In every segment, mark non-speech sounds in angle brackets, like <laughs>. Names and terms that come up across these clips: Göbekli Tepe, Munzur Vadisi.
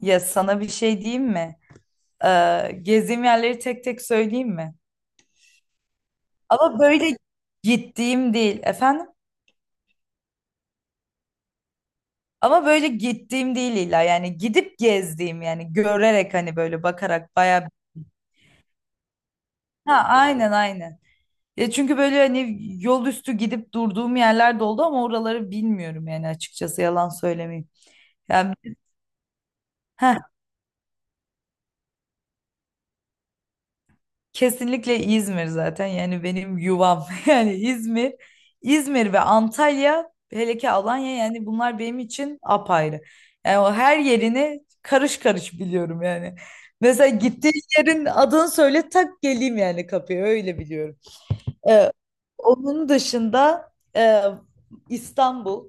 Ya sana bir şey diyeyim mi? Gezdiğim yerleri tek tek söyleyeyim mi? Ama böyle gittiğim değil efendim. Ama böyle gittiğim değil illa yani gidip gezdiğim yani görerek hani böyle bakarak bayağı. Ha, aynen. Ya çünkü böyle hani yol üstü gidip durduğum yerler de oldu ama oraları bilmiyorum yani açıkçası yalan söylemeyeyim. Yani heh, kesinlikle İzmir zaten yani benim yuvam <laughs> yani İzmir, İzmir ve Antalya hele ki Alanya yani bunlar benim için apayrı. Yani o her yerini karış karış biliyorum yani. Mesela gittiğin yerin adını söyle tak geleyim yani kapıya öyle biliyorum. Ee, Onun dışında e, İstanbul.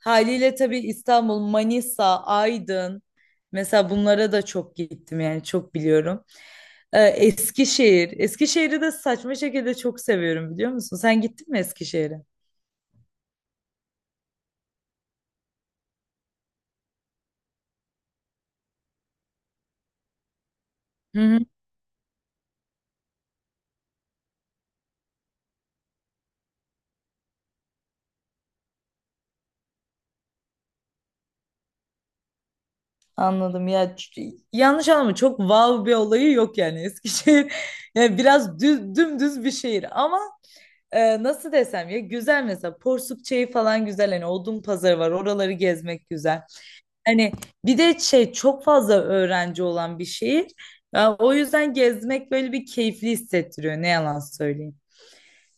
Haliyle tabii İstanbul, Manisa, Aydın mesela bunlara da çok gittim yani çok biliyorum. Eskişehir. Eskişehir'i de saçma şekilde çok seviyorum biliyor musun? Sen gittin mi Eskişehir'e? Hı hı. Anladım ya, yanlış anlama, çok wow bir olayı yok yani Eskişehir <laughs> yani biraz düz, dümdüz bir şehir ama nasıl desem ya, güzel mesela Porsuk falan güzel, hani Odun Pazarı var, oraları gezmek güzel. Hani bir de şey, çok fazla öğrenci olan bir şehir. Ya o yüzden gezmek böyle bir keyifli hissettiriyor ne yalan söyleyeyim.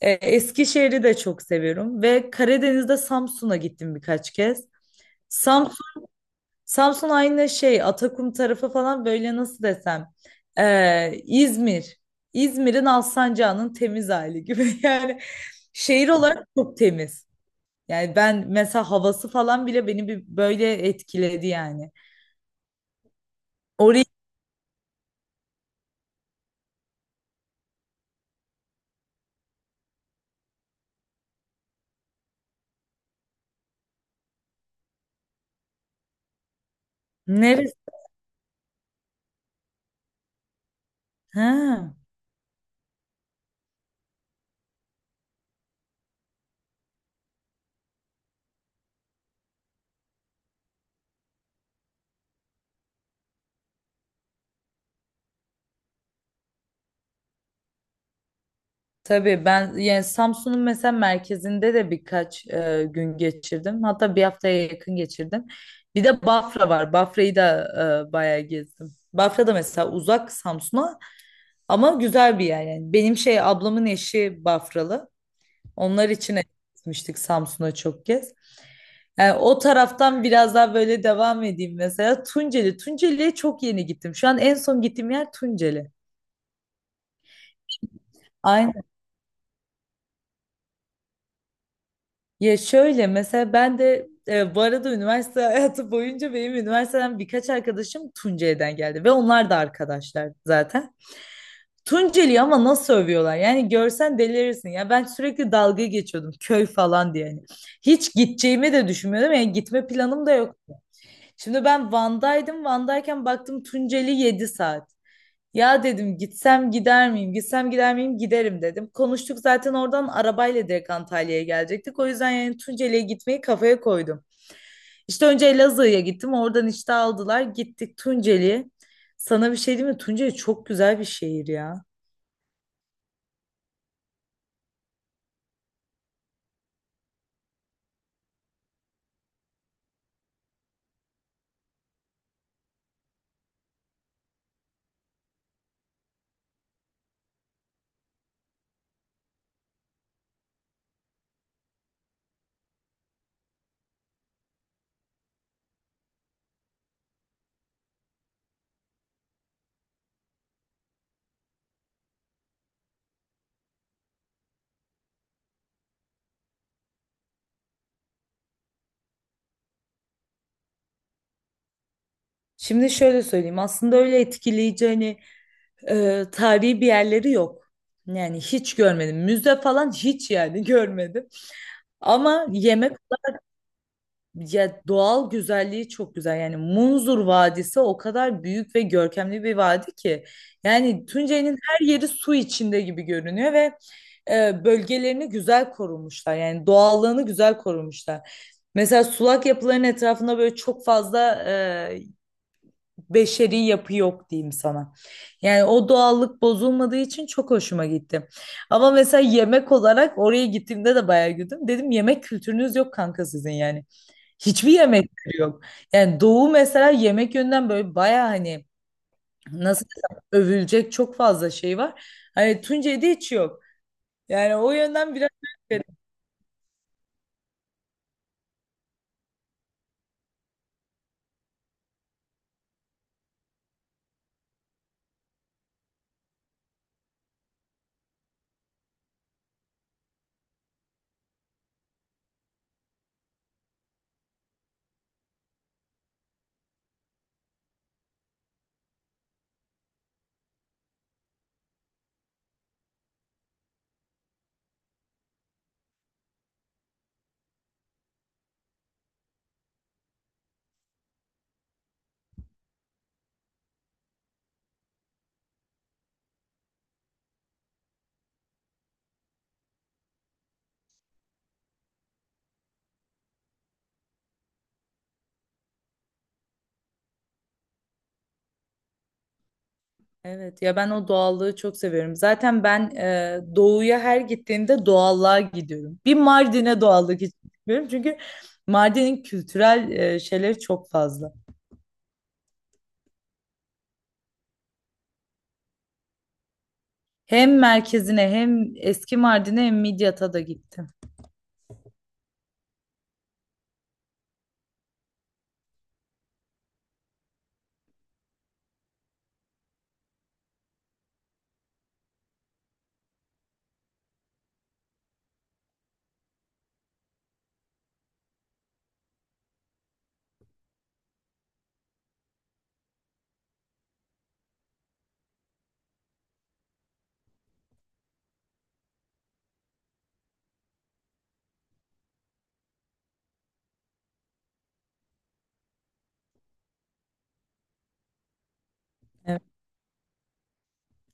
Eskişehir'i de çok seviyorum ve Karadeniz'de Samsun'a gittim birkaç kez. Samsun, Samsun aynı şey, Atakum tarafı falan, böyle nasıl desem İzmir. İzmir'in Alsancak'ın temiz hali gibi <laughs> yani şehir olarak çok temiz. Yani ben mesela havası falan bile beni bir böyle etkiledi yani. Orayı. Neresi? Ha, tabii ben yani Samsun'un mesela merkezinde de birkaç gün geçirdim. Hatta bir haftaya yakın geçirdim. Bir de Bafra var. Bafra'yı da bayağı gezdim. Bafra da mesela uzak Samsun'a ama güzel bir yer yani. Benim şey, ablamın eşi Bafralı. Onlar için gitmiştik Samsun'a çok kez. Yani o taraftan biraz daha böyle devam edeyim mesela. Tunceli. Tunceli'ye çok yeni gittim. Şu an en son gittiğim yer Tunceli. Ya şöyle mesela ben de bu arada üniversite <laughs> hayatı boyunca benim üniversiteden birkaç arkadaşım Tunceli'den geldi ve onlar da arkadaşlar zaten. Tunceli'yi ama nasıl övüyorlar? Yani görsen delirirsin. Ya ben sürekli dalga geçiyordum köy falan diye. Yani. Hiç gideceğimi de düşünmüyordum. Yani gitme planım da yok. Şimdi ben Van'daydım. Van'dayken baktım Tunceli 7 saat. Ya dedim gitsem gider miyim? Gitsem gider miyim? Giderim dedim. Konuştuk zaten oradan arabayla direkt Antalya'ya gelecektik. O yüzden yani Tunceli'ye gitmeyi kafaya koydum. İşte önce Elazığ'a gittim. Oradan işte aldılar. Gittik Tunceli'ye. Sana bir şey diyeyim mi? Tunceli çok güzel bir şehir ya. Şimdi şöyle söyleyeyim. Aslında öyle etkileyici hani tarihi bir yerleri yok. Yani hiç görmedim. Müze falan hiç yani <laughs> görmedim. Ama yemek, ya doğal güzelliği çok güzel. Yani Munzur Vadisi o kadar büyük ve görkemli bir vadi ki. Yani Tunceli'nin her yeri su içinde gibi görünüyor ve bölgelerini güzel korumuşlar. Yani doğallığını güzel korumuşlar. Mesela sulak yapıların etrafında böyle çok fazla e, beşeri yapı yok diyeyim sana. Yani o doğallık bozulmadığı için çok hoşuma gitti. Ama mesela yemek olarak oraya gittiğimde de bayağı güldüm. Dedim yemek kültürünüz yok kanka sizin yani. Hiçbir yemek kültürü yok. Yani doğu mesela yemek yönden böyle bayağı hani, nasıl desem, övülecek çok fazla şey var. Hani Tuncay'da hiç yok. Yani o yönden biraz. Evet ya, ben o doğallığı çok seviyorum. Zaten ben doğuya her gittiğimde doğallığa gidiyorum. Bir Mardin'e doğallık istiyorum çünkü Mardin'in kültürel şeyleri çok fazla. Hem merkezine hem eski Mardin'e hem Midyat'a da gittim. Evet,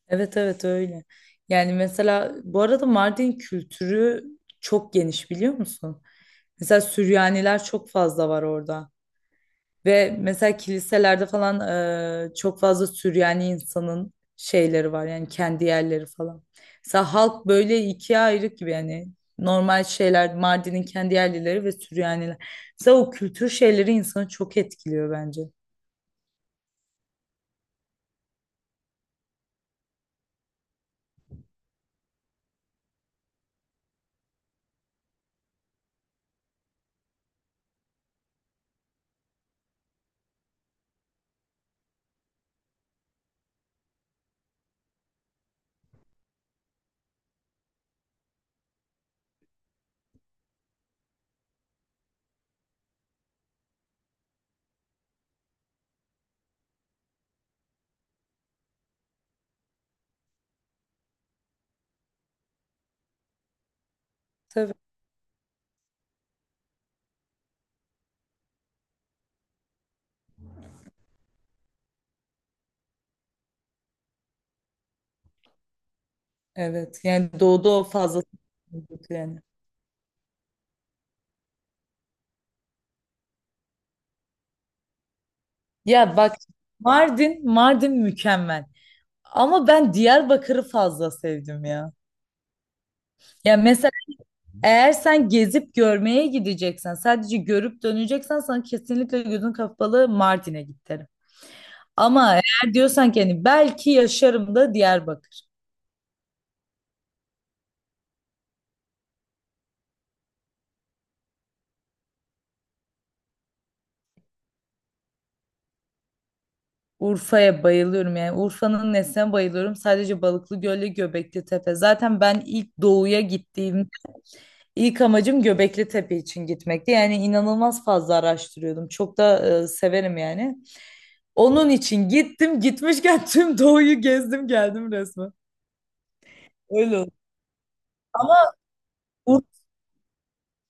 evet, evet, öyle. Yani mesela bu arada Mardin kültürü çok geniş biliyor musun? Mesela Süryaniler çok fazla var orada. Ve mesela kiliselerde falan çok fazla Süryani insanın şeyleri var yani kendi yerleri falan. Mesela halk böyle ikiye ayrık gibi yani, normal şeyler, Mardin'in kendi yerlileri ve Süryaniler. Mesela o kültür şeyleri insanı çok etkiliyor bence. Tabii. Evet yani doğuda o fazla yani. Ya bak, Mardin, Mardin mükemmel. Ama ben Diyarbakır'ı fazla sevdim ya. Ya mesela eğer sen gezip görmeye gideceksen, sadece görüp döneceksen sana kesinlikle gözün kapalı Mardin'e git derim. Ama eğer diyorsan ki hani belki yaşarım, da Diyarbakır. Urfa'ya bayılıyorum yani Urfa'nın nesine bayılıyorum. Sadece Balıklı Göl'le Göbekli Tepe. Zaten ben ilk doğuya gittiğim ilk amacım Göbekli Tepe için gitmekti. Yani inanılmaz fazla araştırıyordum. Çok da severim yani. Onun için gittim. Gitmişken tüm doğuyu gezdim geldim resmen. Öyle oldu. Ama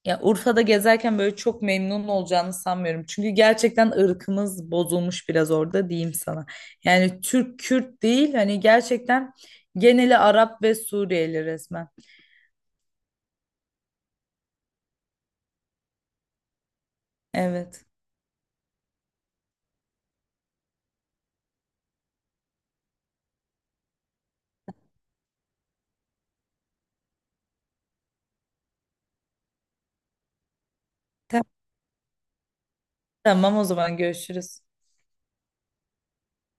ya Urfa'da gezerken böyle çok memnun olacağını sanmıyorum. Çünkü gerçekten ırkımız bozulmuş biraz orada diyeyim sana. Yani Türk Kürt değil hani, gerçekten geneli Arap ve Suriyeli resmen. Evet. Tamam tamam, o zaman görüşürüz.